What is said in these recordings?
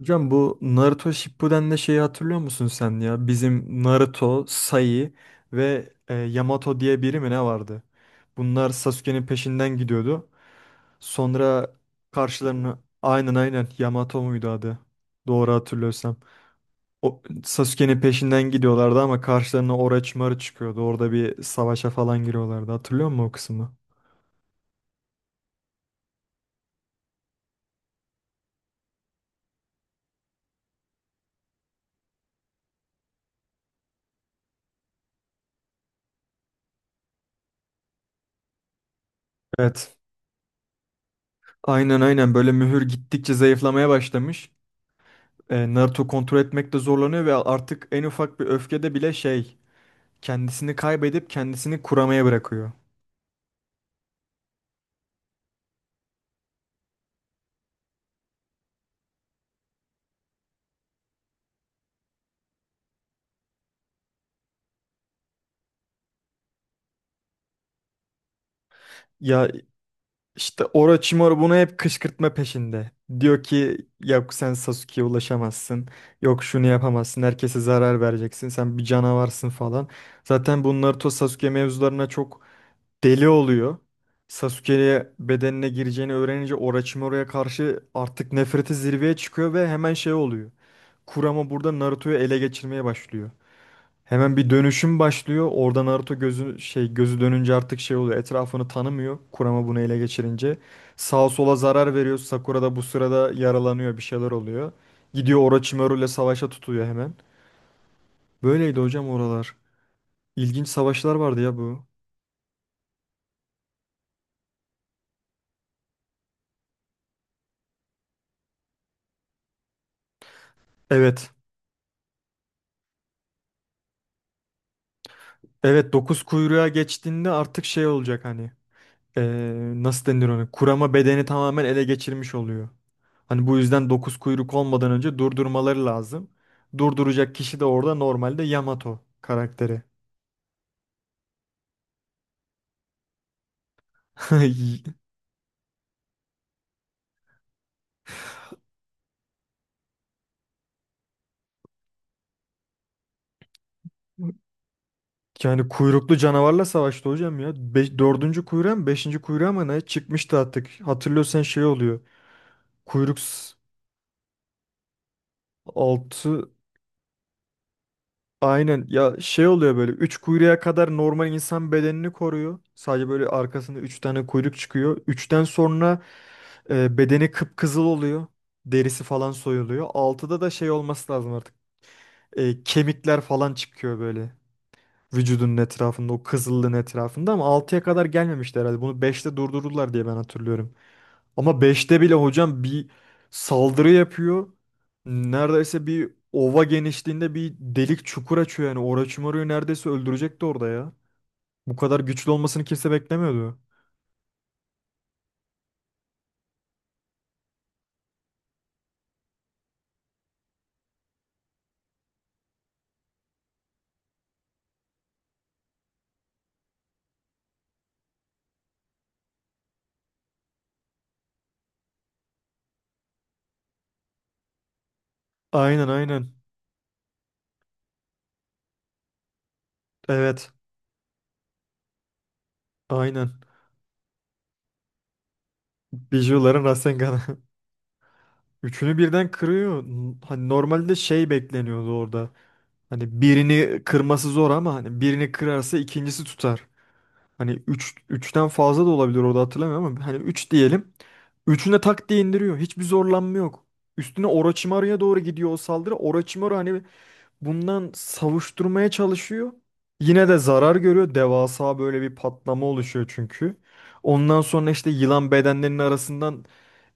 Hocam bu Naruto Shippuden'de şeyi hatırlıyor musun sen ya? Bizim Naruto, Sai ve Yamato diye biri mi ne vardı? Bunlar Sasuke'nin peşinden gidiyordu. Sonra karşılarına aynen Yamato muydu adı? Doğru hatırlıyorsam. O Sasuke'nin peşinden gidiyorlardı ama karşılarına Orochimaru çıkıyordu. Orada bir savaşa falan giriyorlardı. Hatırlıyor musun o kısmı? Evet. Aynen böyle mühür gittikçe zayıflamaya başlamış. Naruto kontrol etmekte zorlanıyor ve artık en ufak bir öfkede bile şey kendisini kaybedip kendisini kuramaya bırakıyor. Ya işte Orochimaru bunu hep kışkırtma peşinde. Diyor ki yok sen Sasuke'ye ulaşamazsın. Yok şunu yapamazsın. Herkese zarar vereceksin. Sen bir canavarsın falan. Zaten bu Naruto Sasuke mevzularına çok deli oluyor. Sasuke'ye bedenine gireceğini öğrenince Orochimaru'ya karşı artık nefreti zirveye çıkıyor ve hemen şey oluyor. Kurama burada Naruto'yu ele geçirmeye başlıyor. Hemen bir dönüşüm başlıyor. Orada Naruto gözü şey gözü dönünce artık şey oluyor. Etrafını tanımıyor. Kurama bunu ele geçirince sağa sola zarar veriyor. Sakura da bu sırada yaralanıyor, bir şeyler oluyor. Gidiyor Orochimaru ile savaşa tutuyor hemen. Böyleydi hocam oralar. İlginç savaşlar vardı ya bu. Evet. Evet 9 kuyruğa geçtiğinde artık şey olacak hani nasıl denir onu kurama bedeni tamamen ele geçirmiş oluyor. Hani bu yüzden 9 kuyruk olmadan önce durdurmaları lazım. Durduracak kişi de orada normalde Yamato karakteri. Yani kuyruklu canavarla savaştı hocam ya. Be dördüncü kuyruğa mı beşinci kuyruğa mı ne çıkmıştı artık. Hatırlıyorsan şey oluyor. Kuyruk altı. Aynen, şey oluyor böyle 3 kuyruğa kadar normal insan bedenini koruyor. Sadece böyle arkasında 3 tane kuyruk çıkıyor. Üçten sonra bedeni kıpkızıl oluyor. Derisi falan soyuluyor. Altıda da şey olması lazım artık. Kemikler falan çıkıyor böyle. Vücudunun etrafında o kızıllığın etrafında ama altıya kadar gelmemişti herhalde. Bunu beşte durdururlar diye ben hatırlıyorum. Ama beşte bile hocam bir saldırı yapıyor. Neredeyse bir ova genişliğinde bir delik çukur açıyor yani. Orochimaru'yu neredeyse öldürecekti orada ya. Bu kadar güçlü olmasını kimse beklemiyordu. Aynen. Evet. Aynen. Bijuların Rasengan'ı. Üçünü birden kırıyor. Hani normalde şey bekleniyordu orada. Hani birini kırması zor ama hani birini kırarsa ikincisi tutar. Hani üçten fazla da olabilir orada hatırlamıyorum ama hani 3 diyelim. Üçüne tak diye indiriyor. Hiçbir zorlanma yok. Üstüne Orochimaru'ya doğru gidiyor o saldırı. Orochimaru hani bundan savuşturmaya çalışıyor. Yine de zarar görüyor. Devasa böyle bir patlama oluşuyor çünkü. Ondan sonra işte yılan bedenlerinin arasından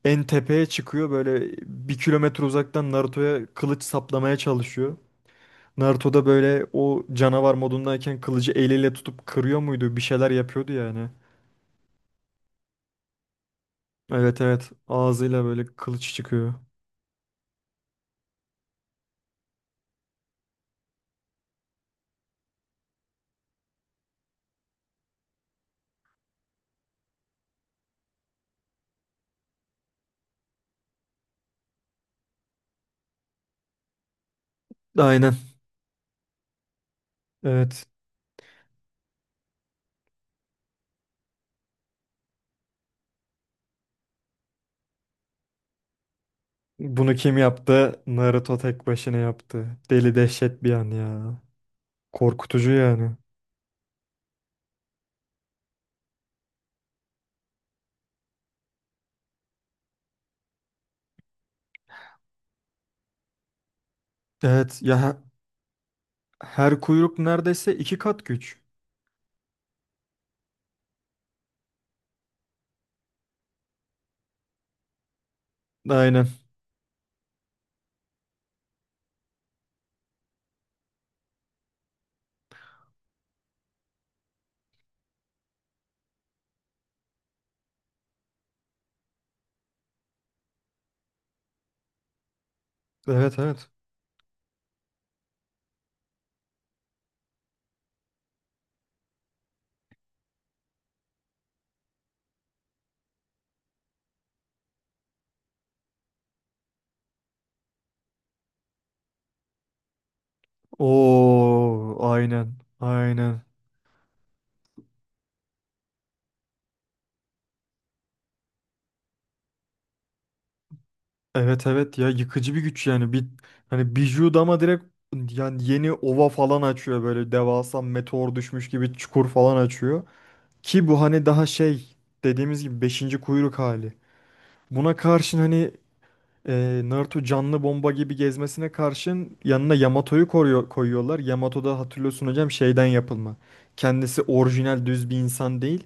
en tepeye çıkıyor. Böyle bir kilometre uzaktan Naruto'ya kılıç saplamaya çalışıyor. Naruto da böyle o canavar modundayken kılıcı eliyle tutup kırıyor muydu? Bir şeyler yapıyordu yani. Evet. Ağzıyla böyle kılıç çıkıyor. Aynen. Evet. Bunu kim yaptı? Naruto tek başına yaptı. Deli dehşet bir an ya. Korkutucu yani. Evet ya her kuyruk neredeyse iki kat güç. Aynen. Evet. Oo aynen. Aynen. Evet ya yıkıcı bir güç yani. Bir hani Bijuu dama direkt yani yeni ova falan açıyor böyle devasa meteor düşmüş gibi çukur falan açıyor. Ki bu hani daha şey dediğimiz gibi beşinci kuyruk hali. Buna karşın hani Naruto canlı bomba gibi gezmesine karşın yanına Yamato'yu koruyor, koyuyorlar. Yamato da hatırlıyorsun hocam şeyden yapılma. Kendisi orijinal düz bir insan değil.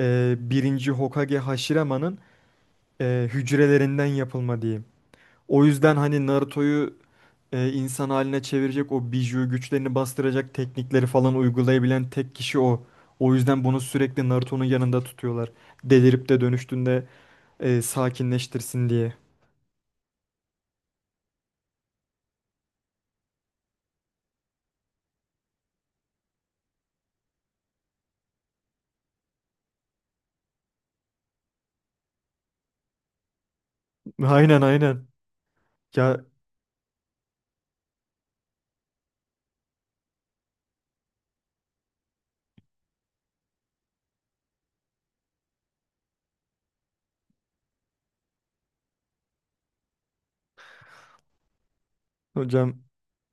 E, birinci Hokage Hashirama'nın hücrelerinden yapılma diyeyim. O yüzden hani Naruto'yu insan haline çevirecek o biju güçlerini bastıracak teknikleri falan uygulayabilen tek kişi o. O yüzden bunu sürekli Naruto'nun yanında tutuyorlar. Delirip de dönüştüğünde sakinleştirsin diye. Aynen. Ya hocam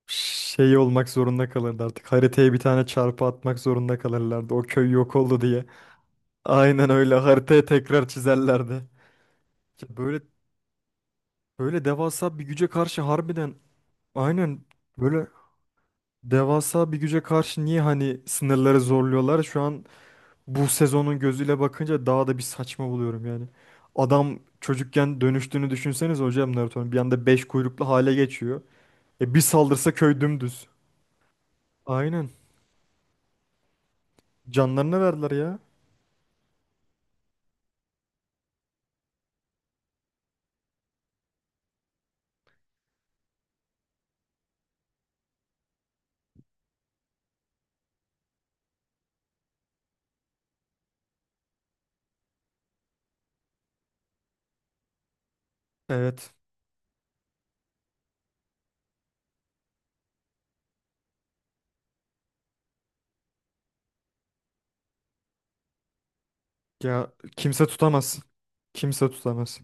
şey olmak zorunda kalırdı artık. Haritaya bir tane çarpı atmak zorunda kalırlardı. O köy yok oldu diye. Aynen öyle haritaya tekrar çizerlerdi. Ya böyle devasa bir güce karşı harbiden aynen böyle. Devasa bir güce karşı niye hani sınırları zorluyorlar? Şu an bu sezonun gözüyle bakınca daha da bir saçma buluyorum yani. Adam çocukken dönüştüğünü düşünseniz hocam Naruto'nun bir anda beş kuyruklu hale geçiyor. E bir saldırsa köy dümdüz. Aynen. Canlarını verdiler ya. Evet. Ya kimse tutamaz. Kimse tutamaz.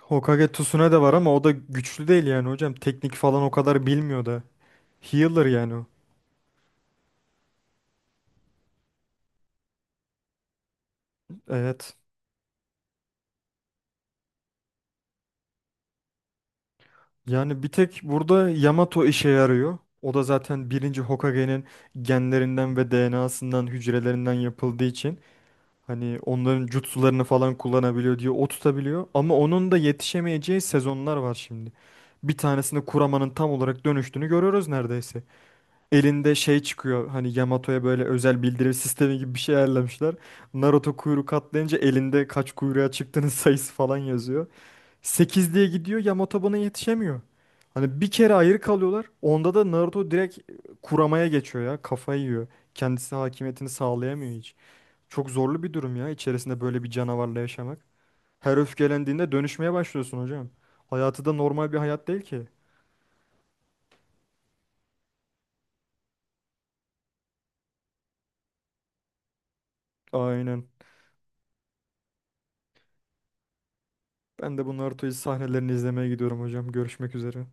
Hokage Tsunade de var ama o da güçlü değil yani hocam. Teknik falan o kadar bilmiyor da. Healer yani o. Evet. Yani bir tek burada Yamato işe yarıyor. O da zaten birinci Hokage'nin genlerinden ve DNA'sından, hücrelerinden yapıldığı için hani onların jutsularını falan kullanabiliyor diye o tutabiliyor. Ama onun da yetişemeyeceği sezonlar var şimdi. Bir tanesinde Kurama'nın tam olarak dönüştüğünü görüyoruz neredeyse. Elinde şey çıkıyor hani Yamato'ya böyle özel bildirim sistemi gibi bir şey ayarlamışlar. Naruto kuyruk atlayınca elinde kaç kuyruğa çıktığının sayısı falan yazıyor. 8 diye gidiyor Yamato buna yetişemiyor. Hani bir kere ayrı kalıyorlar. Onda da Naruto direkt kuramaya geçiyor ya. Kafayı yiyor. Kendisi hakimiyetini sağlayamıyor hiç. Çok zorlu bir durum ya içerisinde böyle bir canavarla yaşamak. Her öfkelendiğinde dönüşmeye başlıyorsun hocam. Hayatı da normal bir hayat değil ki. Aynen. Ben de bu Naruto'yu sahnelerini izlemeye gidiyorum hocam. Görüşmek üzere.